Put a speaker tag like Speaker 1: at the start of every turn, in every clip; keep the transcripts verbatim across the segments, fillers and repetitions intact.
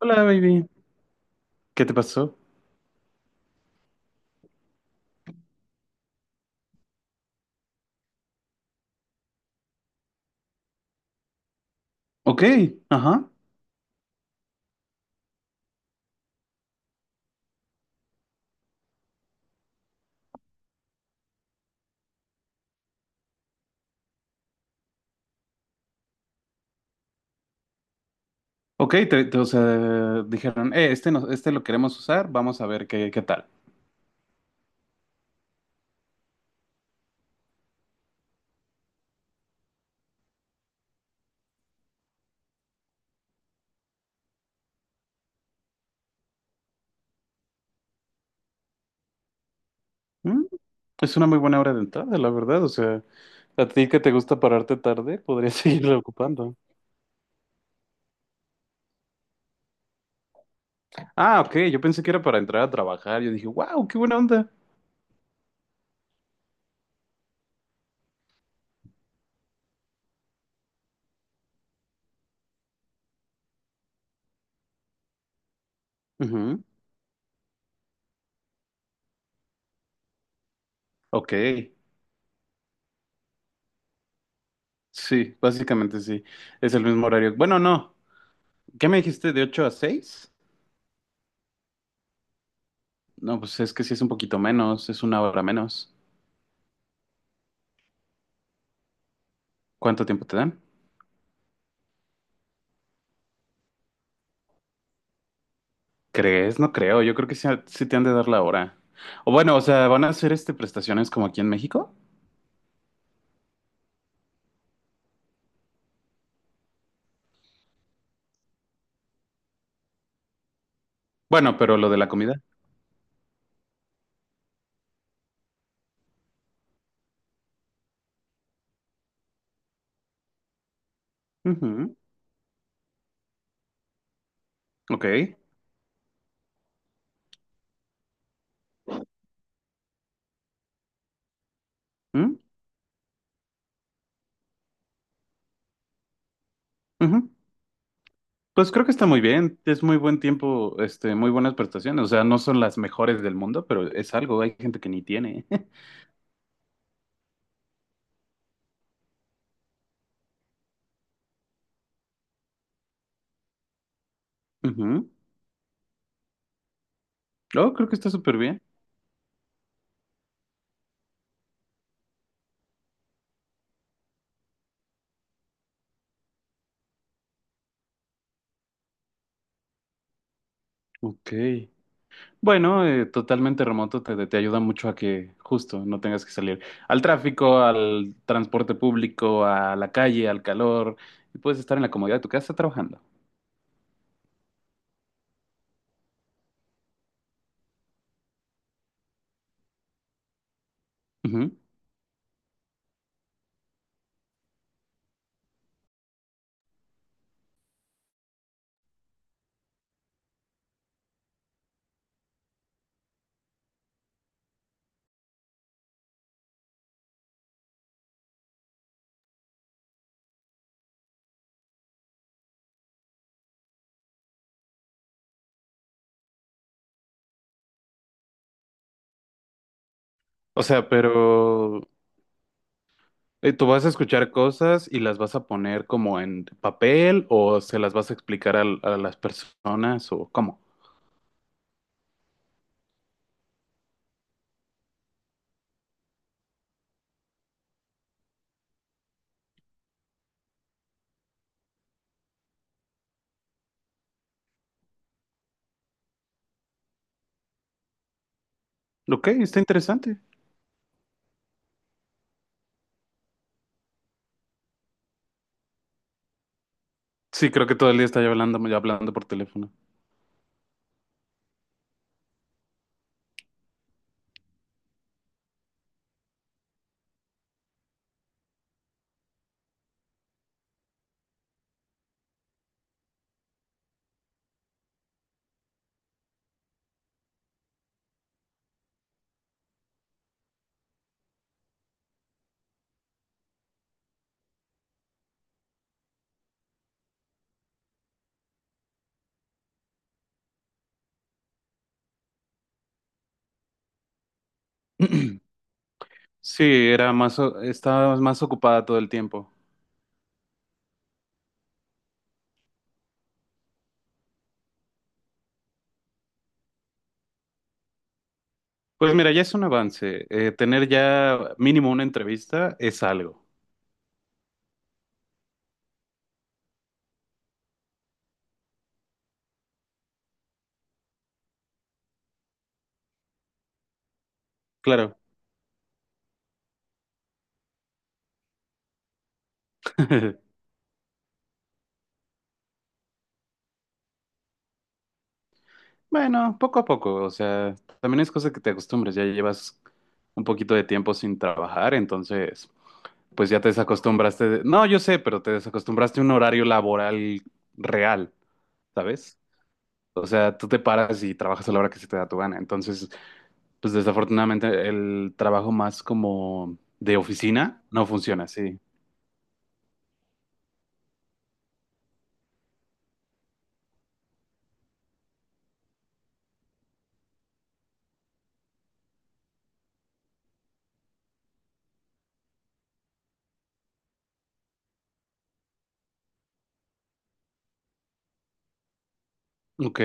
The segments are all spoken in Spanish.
Speaker 1: Hola, baby. ¿Qué te pasó? Ok, ajá. Ok, te, te- o sea, dijeron, eh, este, no, este lo queremos usar, vamos a ver qué, qué tal. Mm, es una muy buena hora de entrada, la verdad. O sea, a ti que te gusta pararte tarde, podrías seguirla ocupando. Ah, ok, yo pensé que era para entrar a trabajar. Yo dije, wow, qué buena onda. Ujú. Ok, sí, básicamente sí. Es el mismo horario. Bueno, no. ¿Qué me dijiste? ¿De ocho a seis? No, pues es que sí es un poquito menos, es una hora menos. ¿Cuánto tiempo te dan? ¿Crees? No creo. Yo creo que sí, sí te han de dar la hora. O bueno, o sea, ¿van a hacer este prestaciones como aquí en México? Bueno, pero lo de la comida. Ujú. Ok. Mm, ujú. Pues creo que está muy bien. Es muy buen tiempo, este, muy buenas prestaciones. O sea, no son las mejores del mundo, pero es algo. Hay gente que ni tiene. Ujú. Oh, creo que está súper bien. Ok. Bueno, eh, totalmente remoto te, te ayuda mucho a que justo no tengas que salir al tráfico, al transporte público, a la calle, al calor, y puedes estar en la comodidad de tu casa trabajando. Ujú. O sea, pero eh, tú vas a escuchar cosas y las vas a poner como en papel o se las vas a explicar al- a, las personas o cómo. Ok, está interesante. Sí, creo que todo el día estaba yo hablando, yo hablando por teléfono. Sí, era más, o- estabas más ocupada todo el tiempo. Pues mira, ya es un avance. Eh, tener ya mínimo una entrevista es algo, claro. Bueno, poco a poco, o sea, también es cosa que te acostumbres, ya llevas un poquito de tiempo sin trabajar, entonces, pues ya te desacostumbraste. de- No, yo sé, pero te desacostumbraste a un horario laboral real, ¿sabes? O sea, tú te paras y trabajas a la hora que se te da tu gana. Entonces, pues desafortunadamente el trabajo más como de oficina no funciona así. Ok,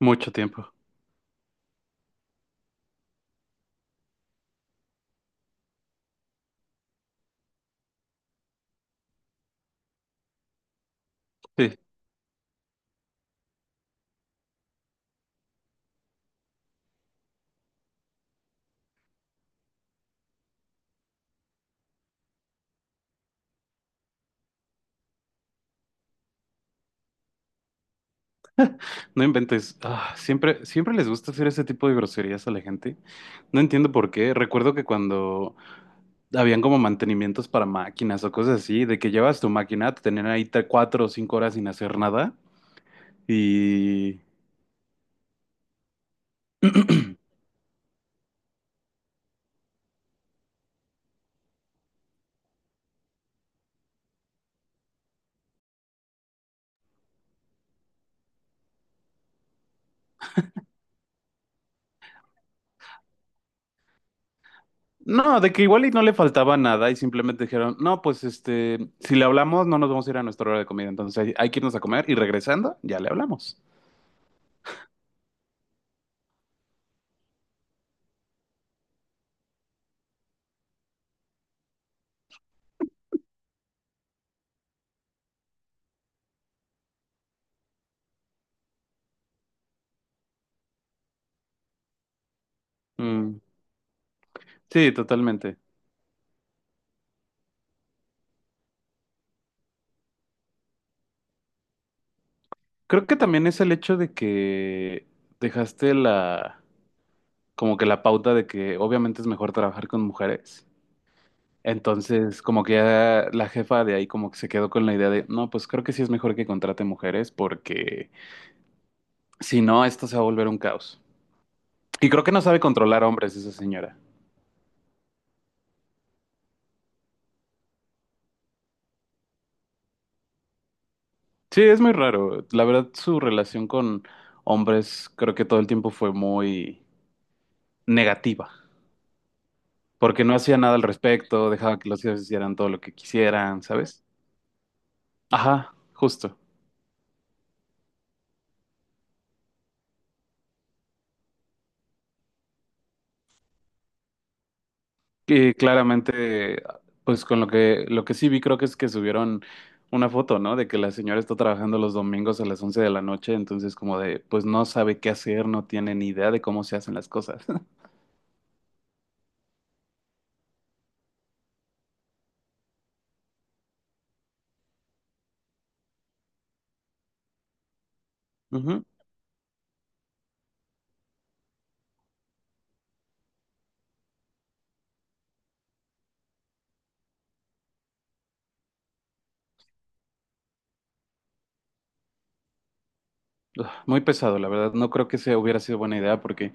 Speaker 1: mucho tiempo. Sí. No inventes. Ah, siempre, siempre les gusta hacer ese tipo de groserías a la gente. No entiendo por qué. Recuerdo que cuando habían como mantenimientos para máquinas o cosas así, de que llevas tu máquina, te tenían ahí tre- cuatro o cinco horas sin hacer nada. Y no, de que igual y no le faltaba nada y simplemente dijeron, no, pues este, si le hablamos, no nos vamos a ir a nuestra hora de comida. Entonces hay, hay que irnos a comer y regresando, ya le hablamos. Mm, sí, totalmente. Creo que también es el hecho de que dejaste la como que la pauta de que obviamente es mejor trabajar con mujeres. Entonces, como que ya la jefa de ahí como que se quedó con la idea de, no, pues creo que sí es mejor que contrate mujeres porque si no, esto se va a volver un caos. Y creo que no sabe controlar hombres esa señora. Sí, es muy raro. La verdad, su relación con hombres creo que todo el tiempo fue muy negativa, porque no hacía nada al respecto, dejaba que los hijos hicieran todo lo que quisieran, ¿sabes? Ajá, justo. Y claramente, pues con lo que, lo que sí vi creo que es que subieron una foto, ¿no? De que la señora está trabajando los domingos a las once de la noche, entonces como de, pues no sabe qué hacer, no tiene ni idea de cómo se hacen las cosas. Ujú. Ugh, muy pesado, la verdad. No creo que sea hubiera sido buena idea porque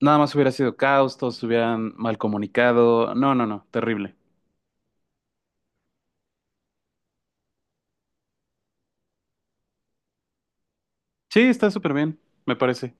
Speaker 1: nada más hubiera sido caos, todos se hubieran mal comunicado. No, no, no, terrible. Sí, está súper bien, me parece.